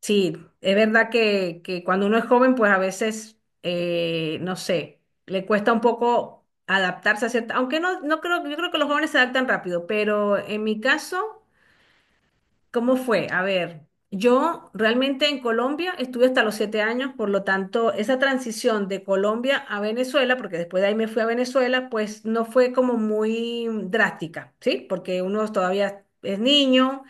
Sí, es verdad que cuando uno es joven, pues a veces, no sé, le cuesta un poco adaptarse a cierta, aunque no, no creo, yo creo que los jóvenes se adaptan rápido, pero en mi caso, ¿cómo fue? A ver, yo realmente en Colombia estuve hasta los 7 años, por lo tanto, esa transición de Colombia a Venezuela, porque después de ahí me fui a Venezuela, pues no fue como muy drástica, ¿sí? Porque uno todavía es niño,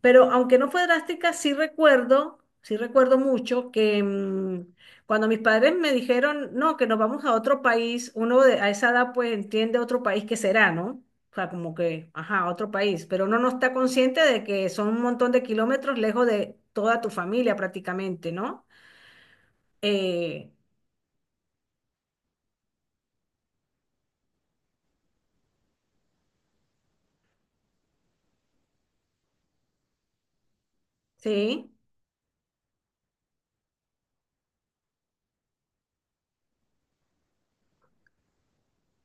pero aunque no fue drástica, sí recuerdo mucho que cuando mis padres me dijeron, no, que nos vamos a otro país, a esa edad pues entiende otro país que será, ¿no? O sea, como que, ajá, otro país, pero uno no está consciente de que son un montón de kilómetros lejos de toda tu familia prácticamente, ¿no? Eh, sí,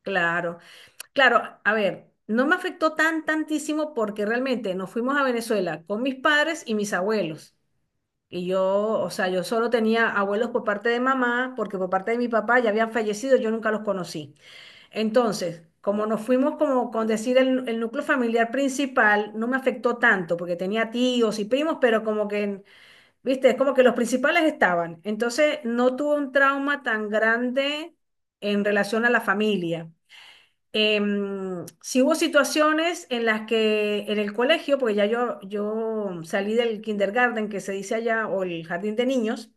claro. Claro, a ver, no me afectó tantísimo porque realmente nos fuimos a Venezuela con mis padres y mis abuelos. Y yo, o sea, yo solo tenía abuelos por parte de mamá, porque por parte de mi papá ya habían fallecido, yo nunca los conocí. Entonces, como nos fuimos como con decir el núcleo familiar principal, no me afectó tanto, porque tenía tíos y primos, pero como que, viste, es como que los principales estaban. Entonces, no tuve un trauma tan grande en relación a la familia. Sí hubo situaciones en las que en el colegio, porque ya yo salí del kindergarten que se dice allá, o el jardín de niños,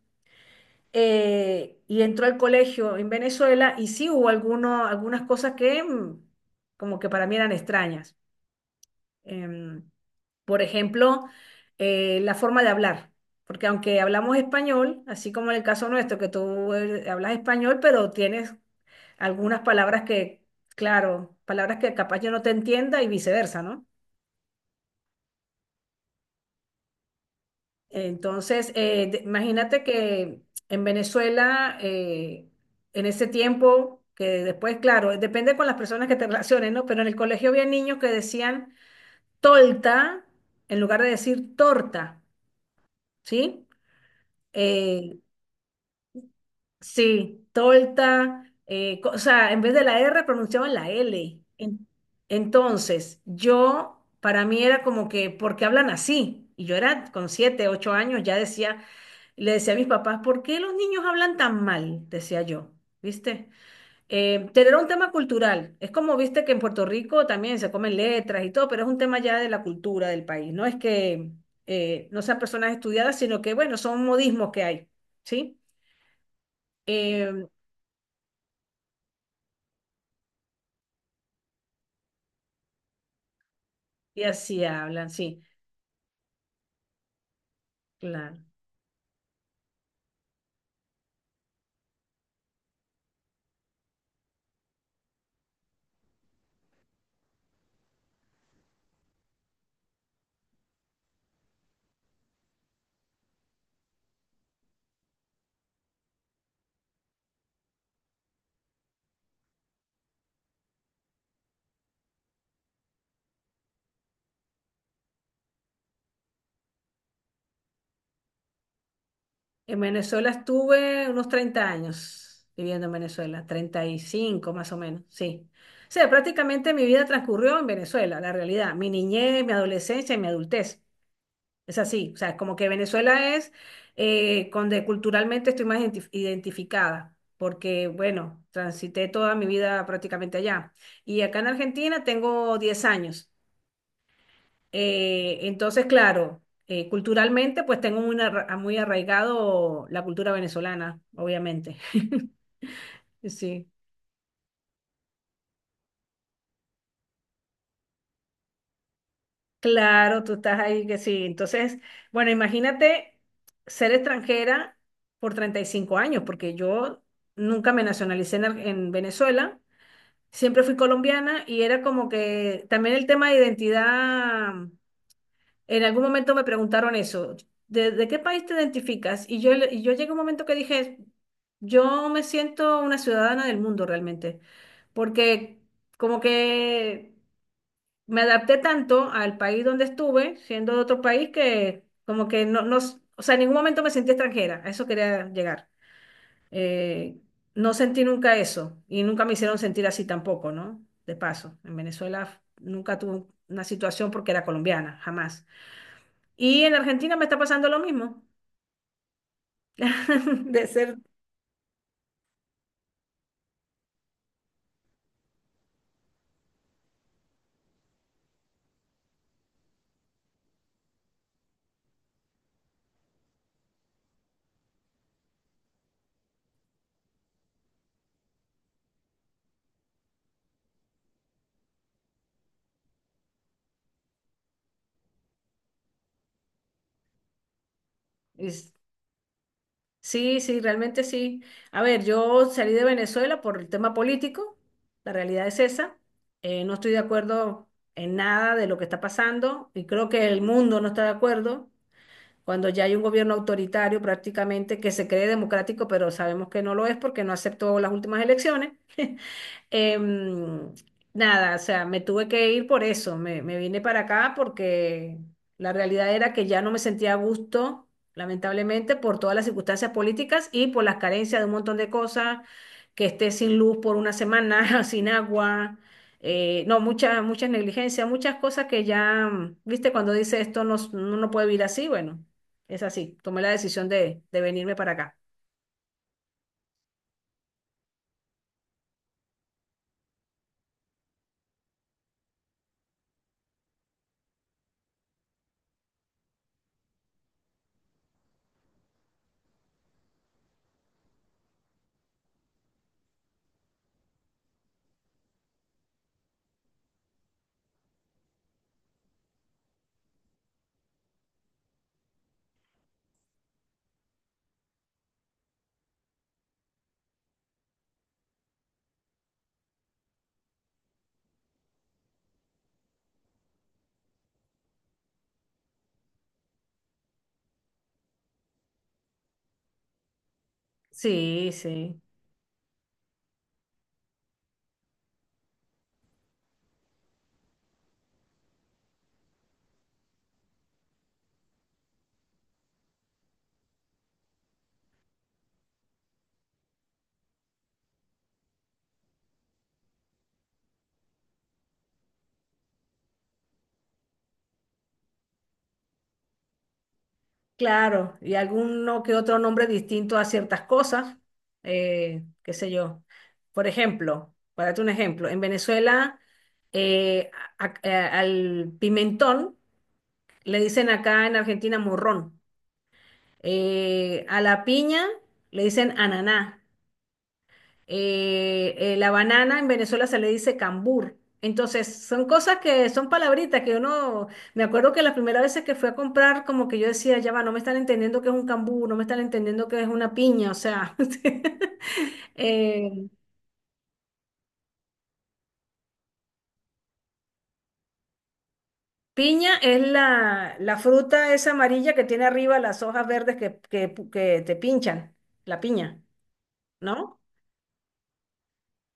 y entró al colegio en Venezuela y sí hubo algunas cosas que como que para mí eran extrañas. Em, por ejemplo, la forma de hablar, porque aunque hablamos español, así como en el caso nuestro, que tú hablas español, pero tienes algunas palabras que, claro, palabras que capaz yo no te entienda y viceversa, ¿no? Entonces, imagínate que en Venezuela, en ese tiempo, que después, claro, depende con las personas que te relaciones, ¿no? Pero en el colegio había niños que decían tolta en lugar de decir torta, ¿sí? Eh, sí, tolta, o sea, en vez de la R pronunciaban la L. Entonces, para mí era como que, ¿por qué hablan así? Y yo era con 7, 8 años, le decía a mis papás, ¿por qué los niños hablan tan mal? Decía yo, ¿viste? Tener un tema cultural. Es como, viste, que en Puerto Rico también se comen letras y todo, pero es un tema ya de la cultura del país. No es que no sean personas estudiadas, sino que, bueno, son modismos que hay, ¿sí? Eh, y así hablan, sí, claro. En Venezuela estuve unos 30 años viviendo en Venezuela, 35 más o menos, sí. O sea, prácticamente mi vida transcurrió en Venezuela, la realidad, mi niñez, mi adolescencia y mi adultez. Es así, o sea, es como que Venezuela es donde culturalmente estoy más identificada, porque, bueno, transité toda mi vida prácticamente allá. Y acá en Argentina tengo 10 años. Entonces, claro, culturalmente, pues tengo muy arraigado la cultura venezolana, obviamente. Sí, claro, tú estás ahí que sí. Entonces, bueno, imagínate ser extranjera por 35 años, porque yo nunca me nacionalicé en Venezuela, siempre fui colombiana y era como que también el tema de identidad. En algún momento me preguntaron eso, ¿de qué país te identificas? Y yo llegué a un momento que dije, yo me siento una ciudadana del mundo realmente, porque como que me adapté tanto al país donde estuve, siendo de otro país, que como que no, no, o sea, en ningún momento me sentí extranjera, a eso quería llegar. Eh, no sentí nunca eso y nunca me hicieron sentir así tampoco, ¿no? De paso, en Venezuela nunca tuve una situación porque era colombiana, jamás. Y en Argentina me está pasando lo mismo. de ser, es- sí, sí, realmente sí. A ver, yo salí de Venezuela por el tema político, la realidad es esa. No estoy de acuerdo en nada de lo que está pasando y creo que el mundo no está de acuerdo cuando ya hay un gobierno autoritario prácticamente que se cree democrático, pero sabemos que no lo es porque no aceptó las últimas elecciones. Em, nada, o sea, me tuve que ir por eso, me vine para acá porque la realidad era que ya no me sentía a gusto, lamentablemente, por todas las circunstancias políticas y por las carencias de un montón de cosas, que esté sin luz por una semana, sin agua, no, muchas, muchas negligencias, muchas cosas que ya, viste, cuando dice esto no, no, no puede vivir así, bueno, es así, tomé la decisión de venirme para acá. Sí, sí. Claro, y alguno que otro nombre distinto a ciertas cosas, qué sé yo. Por ejemplo, para darte un ejemplo, en Venezuela eh, al pimentón le dicen acá en Argentina morrón. A la piña le dicen ananá. La banana en Venezuela se le dice cambur. Entonces, son cosas que son palabritas que uno, me acuerdo que las primeras veces que fui a comprar, como que yo decía, ya va, no me están entendiendo qué es un cambur, no me están entendiendo qué es una piña, o sea, eh, piña es la fruta esa amarilla que tiene arriba las hojas verdes que te pinchan, la piña, ¿no?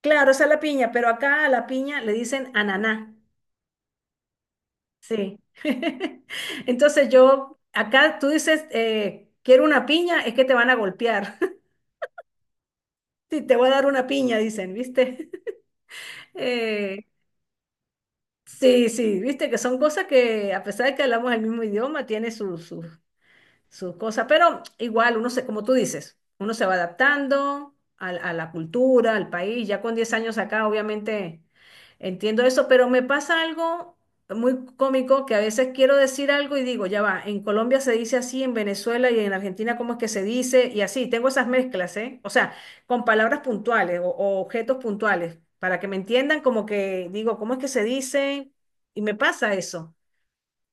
Claro, esa es la piña, pero acá a la piña le dicen ananá. Sí. Entonces yo, acá tú dices, quiero una piña, es que te van a golpear. Sí, te voy a dar una piña, dicen, ¿viste? Eh, sí, sí, viste que son cosas que a pesar de que hablamos el mismo idioma, tiene sus cosas, pero igual uno se, como tú dices, uno se va adaptando a la cultura, al país, ya con 10 años acá obviamente entiendo eso, pero me pasa algo muy cómico que a veces quiero decir algo y digo, ya va, en Colombia se dice así, en Venezuela y en Argentina cómo es que se dice y así, tengo esas mezclas, ¿eh? O sea, con palabras puntuales o objetos puntuales, para que me entiendan como que digo, ¿cómo es que se dice? Y me pasa eso.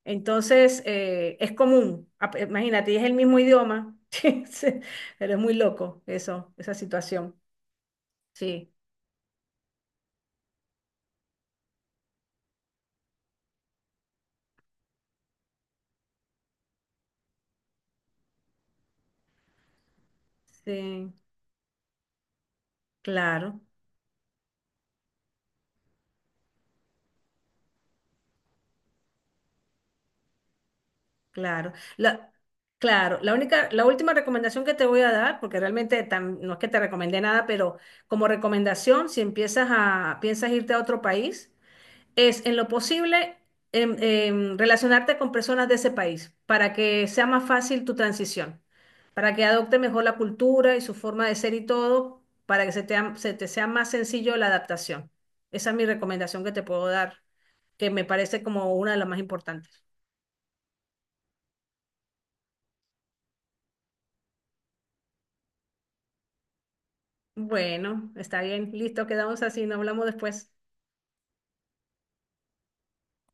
Entonces, es común, imagínate, y es el mismo idioma. Sí, sí, pero es muy loco eso, esa situación. Sí, sí, claro, claro. La, claro, la última recomendación que te voy a dar, porque realmente no es que te recomendé nada, pero como recomendación, si piensas irte a otro país, es en lo posible relacionarte con personas de ese país para que sea más fácil tu transición, para que adopte mejor la cultura y su forma de ser y todo, para que se te sea más sencillo la adaptación. Esa es mi recomendación que te puedo dar, que me parece como una de las más importantes. Bueno, está bien, listo, quedamos así, nos hablamos después.